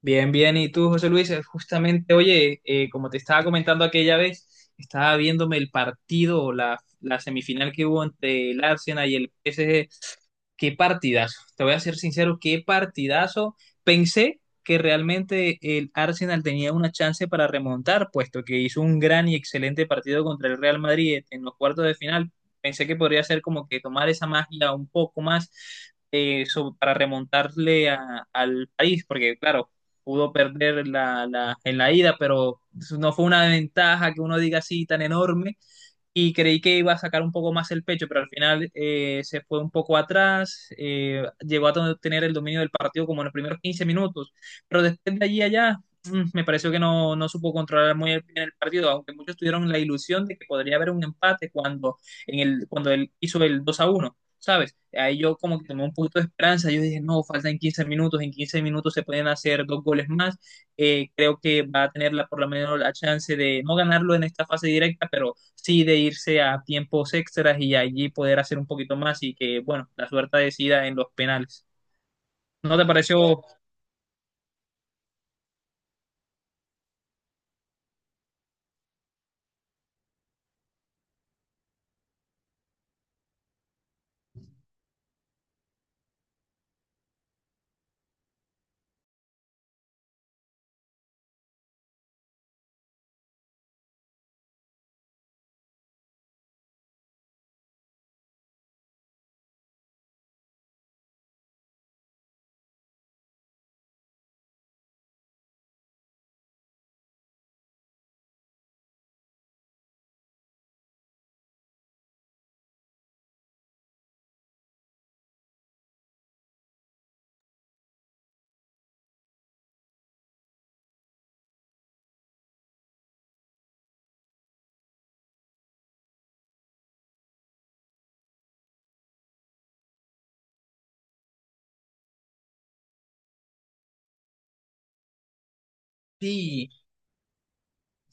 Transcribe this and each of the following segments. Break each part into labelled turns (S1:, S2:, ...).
S1: Bien, bien. ¿Y tú, José Luis? Justamente, oye, como te estaba comentando aquella vez, estaba viéndome el partido, o la semifinal que hubo entre el Arsenal y el PSG. Qué partidazo. Te voy a ser sincero, qué partidazo. Pensé que realmente el Arsenal tenía una chance para remontar, puesto que hizo un gran y excelente partido contra el Real Madrid en los cuartos de final. Pensé que podría ser como que tomar esa magia un poco más, para remontarle al país, porque claro, pudo perder en la ida, pero no fue una ventaja que uno diga así tan enorme, y creí que iba a sacar un poco más el pecho, pero al final, se fue un poco atrás. Llegó a tener el dominio del partido como en los primeros 15 minutos, pero después de allí allá, me pareció que no supo controlar muy bien el partido, aunque muchos tuvieron la ilusión de que podría haber un empate cuando, en el, cuando él hizo el 2 a uno. ¿Sabes? Ahí yo como que tomé un poquito de esperanza. Yo dije, no, faltan 15 minutos. En 15 minutos se pueden hacer dos goles más. Creo que va a tener la, por lo menos la chance de no ganarlo en esta fase directa, pero sí de irse a tiempos extras y allí poder hacer un poquito más y que, bueno, la suerte decida en los penales. ¿No te pareció? Sí,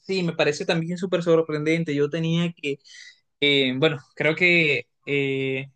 S1: sí, me parece también súper sorprendente. Yo tenía que… bueno, creo que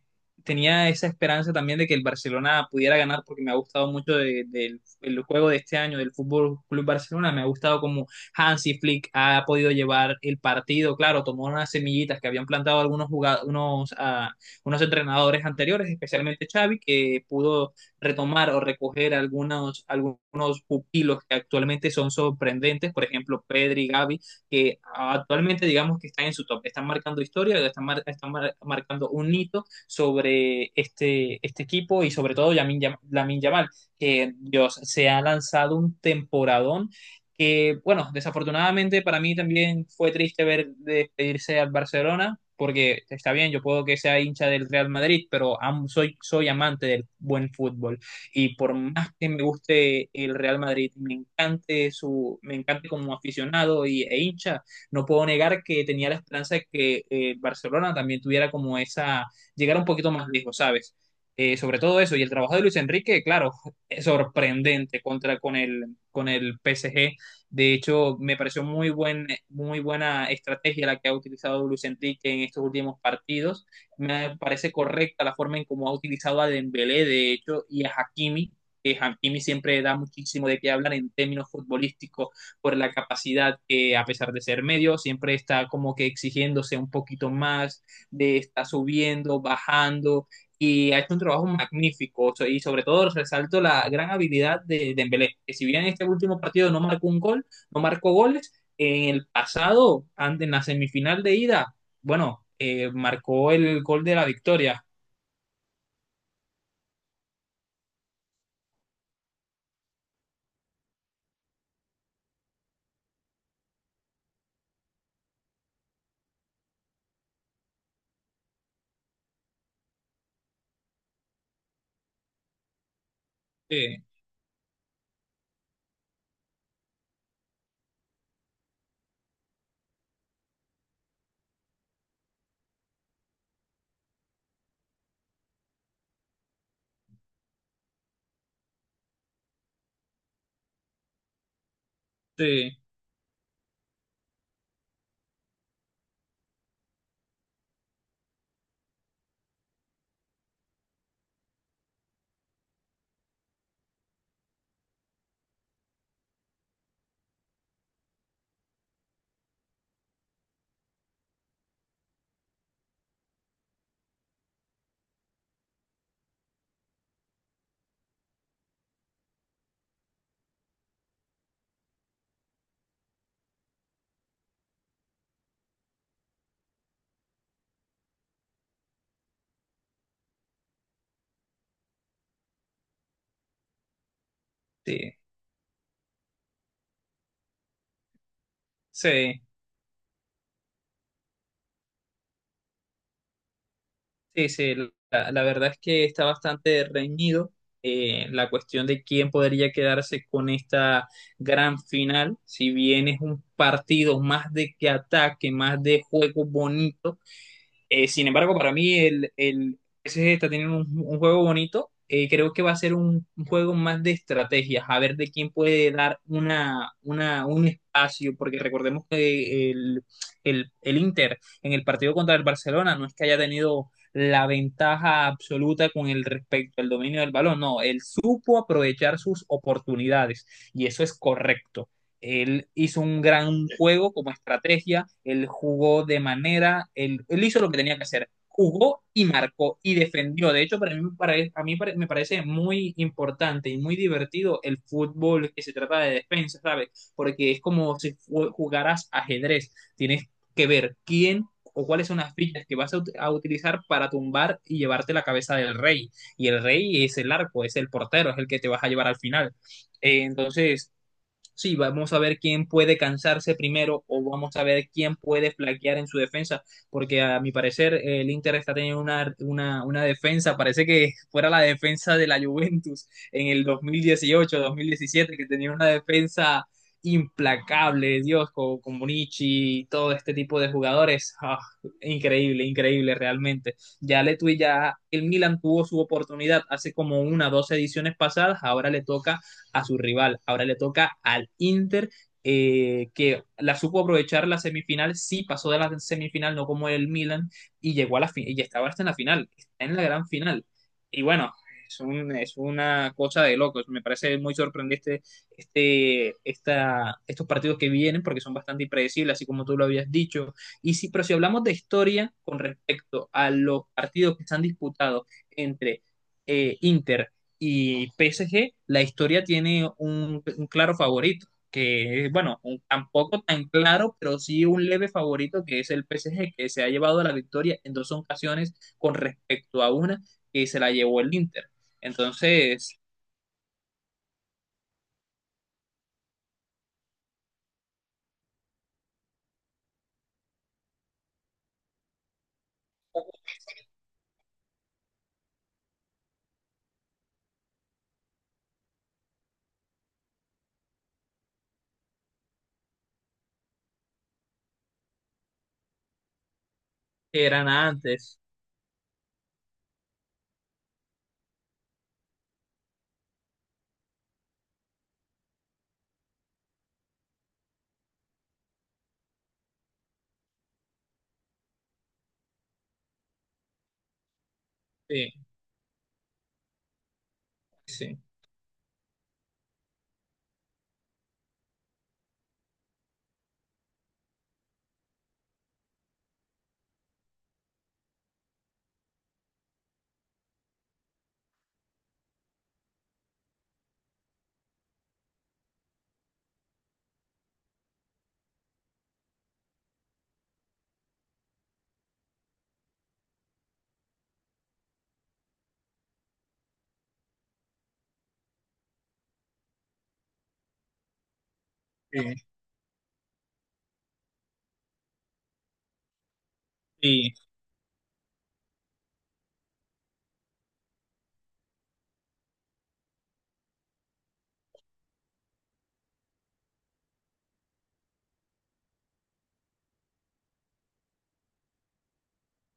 S1: tenía esa esperanza también de que el Barcelona pudiera ganar porque me ha gustado mucho del el juego de este año del Fútbol Club Barcelona. Me ha gustado cómo Hansi Flick ha podido llevar el partido. Claro, tomó unas semillitas que habían plantado algunos unos entrenadores anteriores, especialmente Xavi, que pudo retomar o recoger algunos, algunos pupilos que actualmente son sorprendentes, por ejemplo, Pedri, Gavi, que actualmente digamos que están en su top, están marcando historia, están, marcando un hito sobre este, este equipo, y sobre todo Lamine Yamal, que Dios, se ha lanzado un temporadón que, bueno, desafortunadamente para mí también fue triste ver despedirse al Barcelona, porque está bien, yo puedo que sea hincha del Real Madrid, pero soy, soy amante del buen fútbol. Y por más que me guste el Real Madrid, me encante su, me encante como aficionado y, e hincha, no puedo negar que tenía la esperanza de que Barcelona también tuviera como esa, llegara un poquito más lejos, ¿sabes? Sobre todo eso, y el trabajo de Luis Enrique, claro, es sorprendente contra con el PSG. De hecho, me pareció muy buena estrategia la que ha utilizado Luis Enrique en estos últimos partidos. Me parece correcta la forma en cómo ha utilizado a Dembélé, de hecho, y a Hakimi, que Hakimi siempre da muchísimo de qué hablar en términos futbolísticos por la capacidad que a pesar de ser medio siempre está como que exigiéndose un poquito más, de está subiendo, bajando, y ha hecho un trabajo magnífico. Y sobre todo resalto la gran habilidad de Dembélé, que si bien en este último partido no marcó un gol, no marcó goles, en el pasado, en la semifinal de ida, bueno, marcó el gol de la victoria. Sí, sí, sí, sí, sí, sí. La verdad es que está bastante reñido, la cuestión de quién podría quedarse con esta gran final, si bien es un partido más de que ataque, más de juego bonito. Sin embargo, para mí el PSG está teniendo un juego bonito. Creo que va a ser un juego más de estrategias, a ver de quién puede dar una, un espacio, porque recordemos que el Inter en el partido contra el Barcelona no es que haya tenido la ventaja absoluta con el respecto al dominio del balón, no, él supo aprovechar sus oportunidades, y eso es correcto. Él hizo un gran juego como estrategia, él jugó de manera, él hizo lo que tenía que hacer, jugó y marcó y defendió. De hecho, para mí, para, a mí para, me parece muy importante y muy divertido el fútbol que se trata de defensa, ¿sabes? Porque es como si jugaras ajedrez, tienes que ver quién o cuáles son las fichas que vas a, utilizar para tumbar y llevarte la cabeza del rey. Y el rey es el arco, es el portero, es el que te vas a llevar al final. Eh, entonces, Sí, vamos a ver quién puede cansarse primero, o vamos a ver quién puede flaquear en su defensa, porque a mi parecer el Inter está teniendo una defensa, parece que fuera la defensa de la Juventus en el 2018-2017, que tenía una defensa implacable, Dios, con Bonici y todo este tipo de jugadores. Ah, increíble, increíble realmente. Ya ya el Milan tuvo su oportunidad hace como una, o dos ediciones pasadas, ahora le toca a su rival. Ahora le toca al Inter, que la supo aprovechar la semifinal, sí pasó de la semifinal, no como el Milan, y llegó a la final, y estaba hasta en la final, está en la gran final. Y bueno, es una cosa de locos, me parece muy sorprendente estos partidos que vienen, porque son bastante impredecibles, así como tú lo habías dicho. Y si, pero si hablamos de historia con respecto a los partidos que están disputados entre Inter y PSG, la historia tiene un claro favorito, que es, bueno, tampoco tan claro, pero sí un leve favorito, que es el PSG, que se ha llevado la victoria en dos ocasiones con respecto a una que se la llevó el Inter. Entonces, eran antes. Sí, sí, sí. Sí.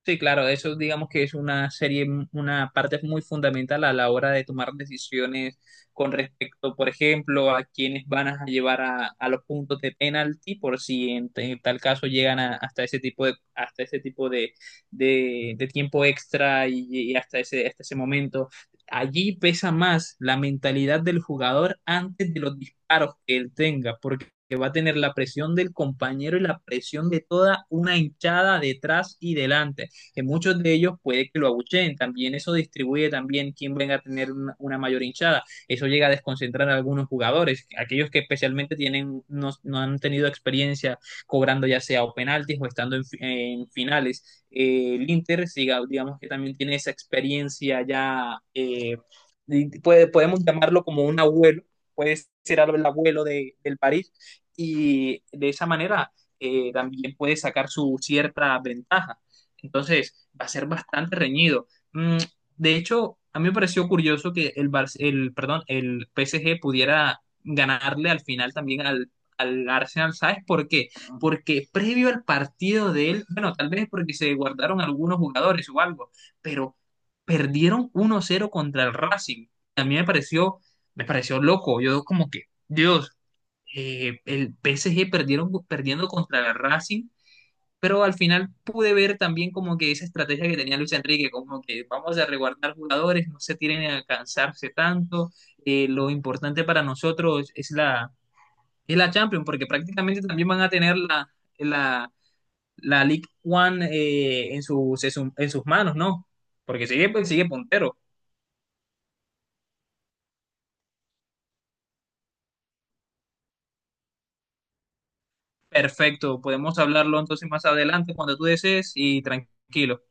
S1: Sí, claro, eso digamos que es una serie, una parte muy fundamental a la hora de tomar decisiones con respecto, por ejemplo, a quiénes van a llevar a los puntos de penalti, por si en, en tal caso hasta ese tipo de, hasta ese tipo de tiempo extra y hasta ese momento. Allí pesa más la mentalidad del jugador antes de los disparos que él tenga, porque que va a tener la presión del compañero y la presión de toda una hinchada detrás y delante, que muchos de ellos puede que lo abucheen, también eso distribuye también quién venga a tener una mayor hinchada, eso llega a desconcentrar a algunos jugadores, aquellos que especialmente tienen, no han tenido experiencia cobrando ya sea o penaltis o estando en finales. El Inter, siga, digamos que también tiene esa experiencia ya, puede, podemos llamarlo como un abuelo, puede ser el abuelo de, del París, y de esa manera, también puede sacar su cierta ventaja. Entonces, va a ser bastante reñido. Mm, de hecho, a mí me pareció curioso que perdón, el PSG pudiera ganarle al final también al, al Arsenal. ¿Sabes por qué? Porque previo al partido de él, bueno, tal vez porque se guardaron algunos jugadores o algo, pero perdieron 1-0 contra el Racing. A mí me pareció loco. Yo como que, Dios, el PSG perdieron, perdiendo contra el Racing, pero al final pude ver también como que esa estrategia que tenía Luis Enrique, como que vamos a reguardar jugadores, no se tienen a cansarse tanto. Lo importante para nosotros es la Champions, porque prácticamente también van a tener la, la League One, en sus, en sus manos, ¿no? Porque sigue, pues, sigue puntero. Perfecto, podemos hablarlo entonces más adelante cuando tú desees y tranquilo.